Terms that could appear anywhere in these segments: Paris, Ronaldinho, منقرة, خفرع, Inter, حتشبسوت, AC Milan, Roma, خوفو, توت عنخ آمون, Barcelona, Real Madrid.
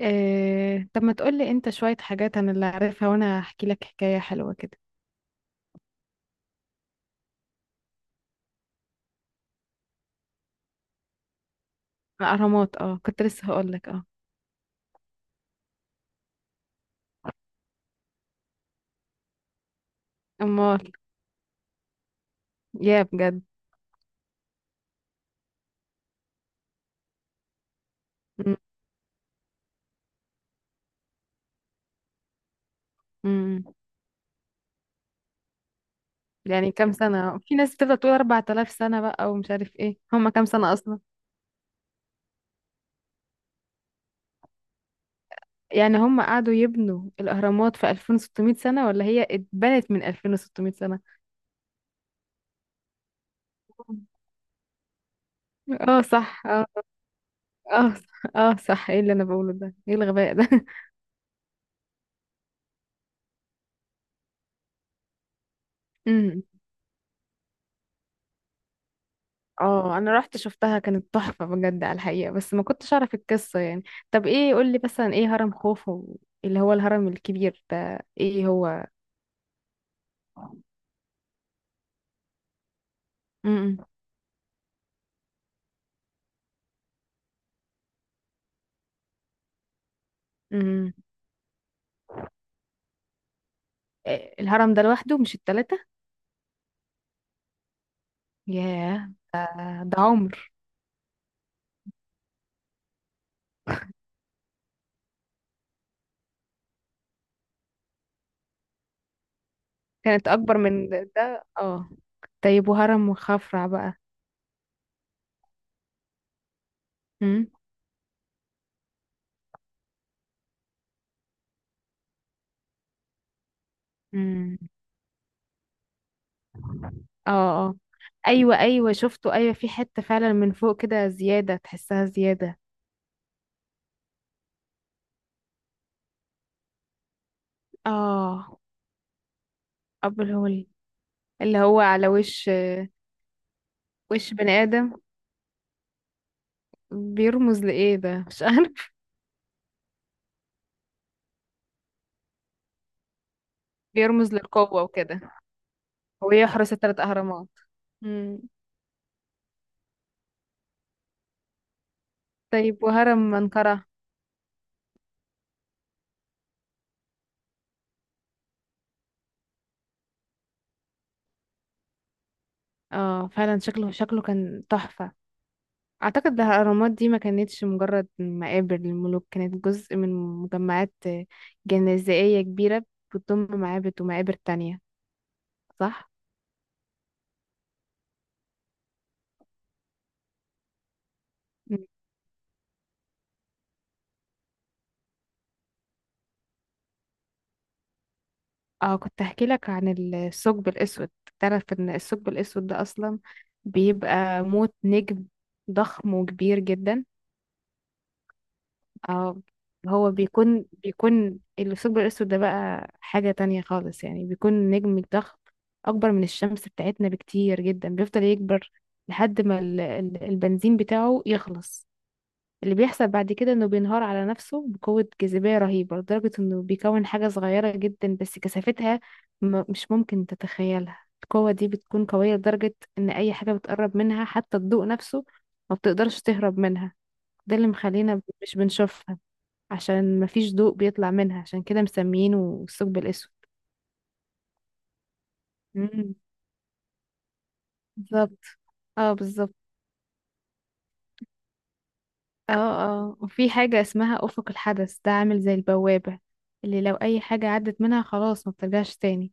إيه، طب ما تقولي انت شوية حاجات انا اللي عارفها وانا هحكي لك حكاية حلوة كده. الاهرامات، كنت لسه هقول لك امال، يا بجد. م- م- يعني كام سنة؟ في ناس تبدأ تقول 4000 سنة بقى ومش عارف ايه، هم كام سنة اصلا؟ يعني هم قعدوا يبنوا الاهرامات في 2600 سنة ولا هي اتبنت من 2600 سنة؟ اه صح اه. اه صح. اه صح، ايه اللي انا بقوله ده؟ ايه الغباء ده؟ اه، انا رحت شفتها، كانت تحفة بجد على الحقيقة، بس ما كنتش اعرف القصة يعني. طب ايه، قولي مثلا ايه هرم خوفو؟ اللي هو الهرم الكبير ده، ايه هو؟ امم امم إيه الهرم ده لوحده مش التلاتة؟ ياه، ده عمر. كانت اكبر من ده، اه. طيب، وهرم خفرع بقى؟ امم. امم. اه. اه. ايوه، ايوه شفته، ايوه، في حتة فعلا من فوق كده زيادة، تحسها زيادة. اه. ابو الهول، اللي هو على وش، وش بني ادم. بيرمز لإيه ده؟ مش عارف. بيرمز للقوة وكده، ويحرس الثلاث أهرامات. مم. طيب، وهرم منقرة؟ اه فعلا شكله، شكله كان تحفة. أعتقد ده الأهرامات دي ما كانتش مجرد مقابر للملوك، كانت جزء من مجمعات جنائزية كبيرة، بتضم معابد ومقابر تانية، صح؟ مم. اه، كنت هحكي لك عن الثقب الأسود. تعرف إن الثقب الأسود ده أصلا بيبقى موت نجم ضخم وكبير جدا؟ اه، هو بيكون الثقب الأسود ده بقى حاجة تانية خالص يعني، بيكون نجم ضخم أكبر من الشمس بتاعتنا بكتير جدا، بيفضل يكبر لحد ما البنزين بتاعه يخلص. اللي بيحصل بعد كده إنه بينهار على نفسه بقوة جاذبية رهيبة، لدرجة إنه بيكون حاجة صغيرة جدا بس كثافتها مش ممكن تتخيلها. القوة دي بتكون قوية لدرجة إن أي حاجة بتقرب منها، حتى الضوء نفسه، ما بتقدرش تهرب منها. ده اللي مخلينا مش بنشوفها، عشان مفيش ضوء بيطلع منها، عشان كده مسميينه الثقب الأسود. امم. بالظبط. اه، بالظبط. اه، اه، وفي حاجة اسمها أفق الحدث، ده عامل زي البوابة، اللي لو أي حاجة عدت منها خلاص، ما بترجعش تاني.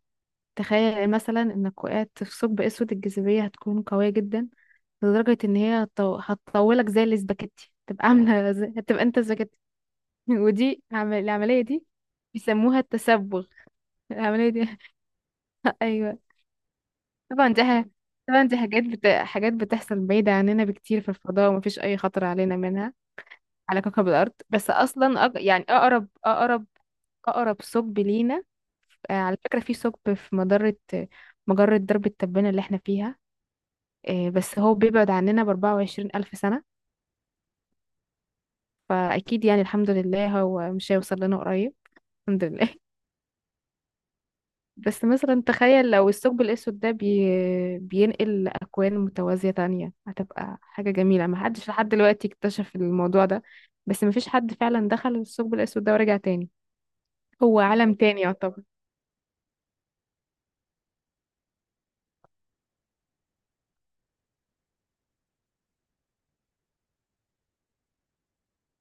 تخيل مثلا إنك وقعت في ثقب أسود، الجاذبية هتكون قوية جدا لدرجة إن هي هتطولك زي الاسباجيتي، تبقى عاملة زي، هتبقى أنت اسباجيتي. ودي العملية دي بيسموها التسبغ، العملية دي. أيوه. طبعا دي ح- طبعا دي حاجات بتحصل بعيدة عننا بكتير في الفضاء، ومفيش أي خطر علينا منها على كوكب الأرض. بس أصلا يعني أقرب ثقب لينا، على فكرة، في ثقب في مجرة، مجرة درب التبانة اللي احنا فيها. بس هو بيبعد عننا ب24 ألف سنة. فأكيد يعني الحمد لله هو مش هيوصل لنا قريب. الحمد لله. بس مثلا تخيل لو الثقب الأسود ده بينقل أكوان متوازية تانية، هتبقى حاجة جميلة. محدش لحد دلوقتي اكتشف الموضوع ده، بس مفيش حد فعلا دخل الثقب الأسود ده ورجع تاني. هو عالم تاني يعتبر.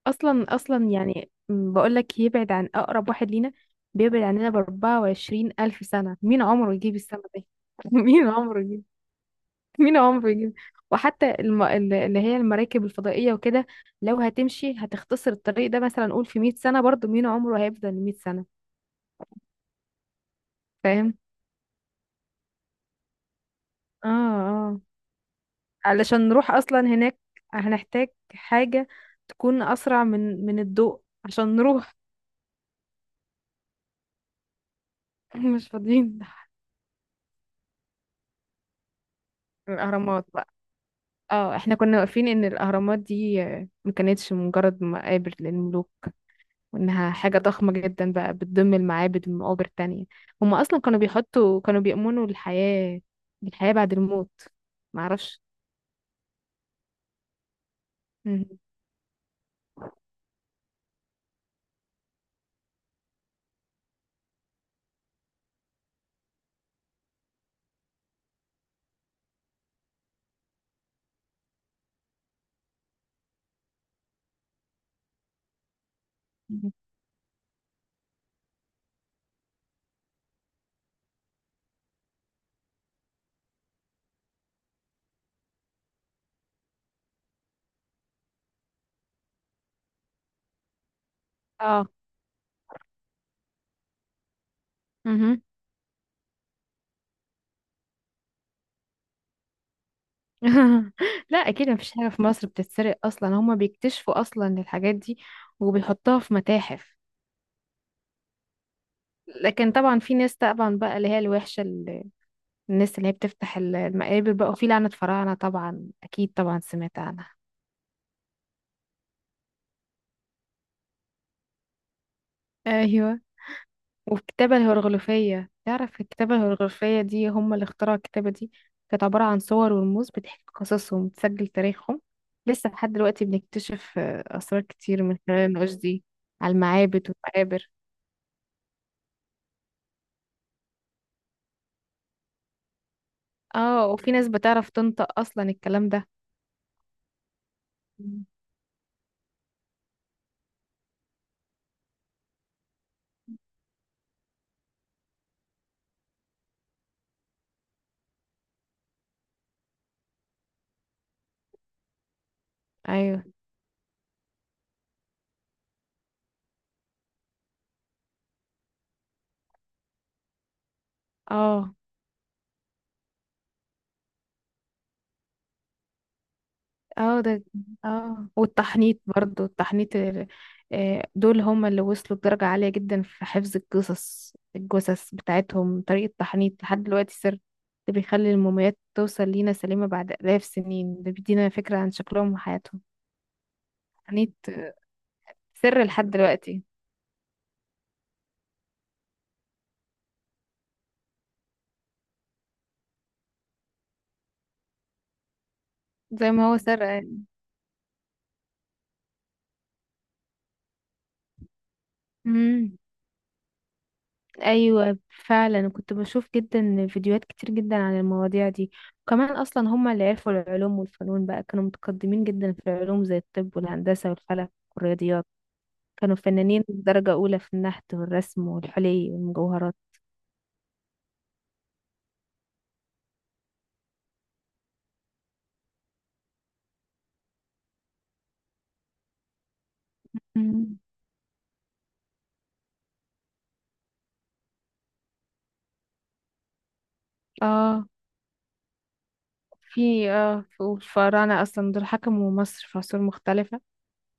أصلا يعني، بقولك يبعد عن أقرب واحد لينا، بيبعد عننا بأربعة وعشرين ألف سنة. مين عمره يجيب السنة دي؟ مين عمره؟ مين عمره يجيب؟ وحتى اللي هي المراكب الفضائية وكده، لو هتمشي هتختصر الطريق ده، مثلا نقول في 100 سنة، برضو مين عمره هيفضل 100 سنة؟ فاهم. اه. اه. علشان نروح اصلا هناك هنحتاج حاجة تكون اسرع من الضوء عشان نروح. مش فاضيين. الاهرامات بقى. اه، احنا كنا واقفين ان الاهرامات دي ما كانتش مجرد مقابر للملوك، وإنها حاجة ضخمة جدا بقى بتضم المعابد والمقابر التانية. هم أصلا كانوا بيحطوا، كانوا بيؤمنوا الحياة بالحياة بعد الموت. معرفش. مهم. مهم. اه. مهم. لا، أكيد مفيش حاجة في مصر بتتسرق أصلا، هما بيكتشفوا أصلا الحاجات دي وبيحطوها في متاحف. لكن طبعا في ناس طبعا بقى اللي هي الوحشة، الناس اللي هي بتفتح المقابر بقى، وفي لعنة فراعنة طبعا، أكيد طبعا سمعت عنها. ايوه، والكتابة الهيروغليفية، تعرف الكتابة الهيروغليفية دي هم اللي اخترعوا الكتابة دي؟ كانت عبارة عن صور ورموز بتحكي قصصهم وتسجل تاريخهم. لسه لحد دلوقتي بنكتشف أسرار كتير من خلال النقوش دي على المعابد والمقابر. اه، وفي ناس بتعرف تنطق أصلا الكلام ده. مم. أيوه. اه. اه. ده. اه، والتحنيط برضو، التحنيط دول هم اللي وصلوا لدرجة عالية جدا في حفظ القصص. الجثث بتاعتهم، طريقة تحنيط لحد دلوقتي سر، ده بيخلي الموميات توصل لينا سليمة بعد آلاف سنين، ده بيدينا فكرة عن شكلهم وحياتهم. التحنيط سر لحد دلوقتي، زي ما هو سر. مم. ايوه، فعلا أنا كنت بشوف جدا فيديوهات كتير جدا عن المواضيع دي. وكمان اصلا هم اللي عرفوا العلوم والفنون بقى، كانوا متقدمين جدا في العلوم زي الطب والهندسة والفلك والرياضيات. كانوا فنانين درجة اولى في النحت والرسم والحلي والمجوهرات. مم. اه، في اه، والفراعنة أصلا دول حكموا مصر في عصور مختلفة.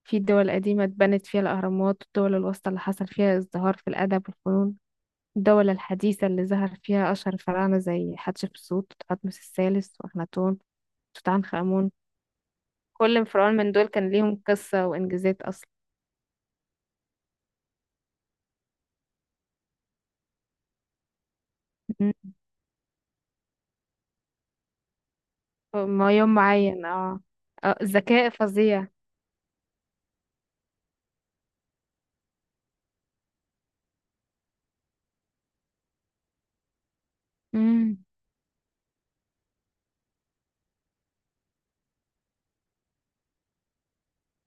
في الدول القديمة اتبنت فيها الأهرامات، والدول الوسطى اللي حصل فيها ازدهار في الأدب والفنون، الدولة الحديثة اللي ظهر فيها أشهر الفراعنة زي حتشبسوت وتحتمس الثالث وأخناتون، توت عنخ آمون. كل فرعون من دول كان ليهم قصة وإنجازات أصلا. مم. ما يوم معين، اه. آه، ذكاء فظيع. مم.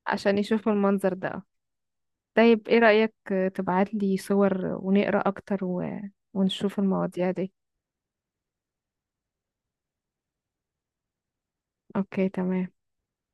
عشان يشوفوا المنظر ده آه. طيب، ايه رأيك تبعت لي صور ونقرأ أكتر و ونشوف المواضيع دي؟ أوكي، تمام.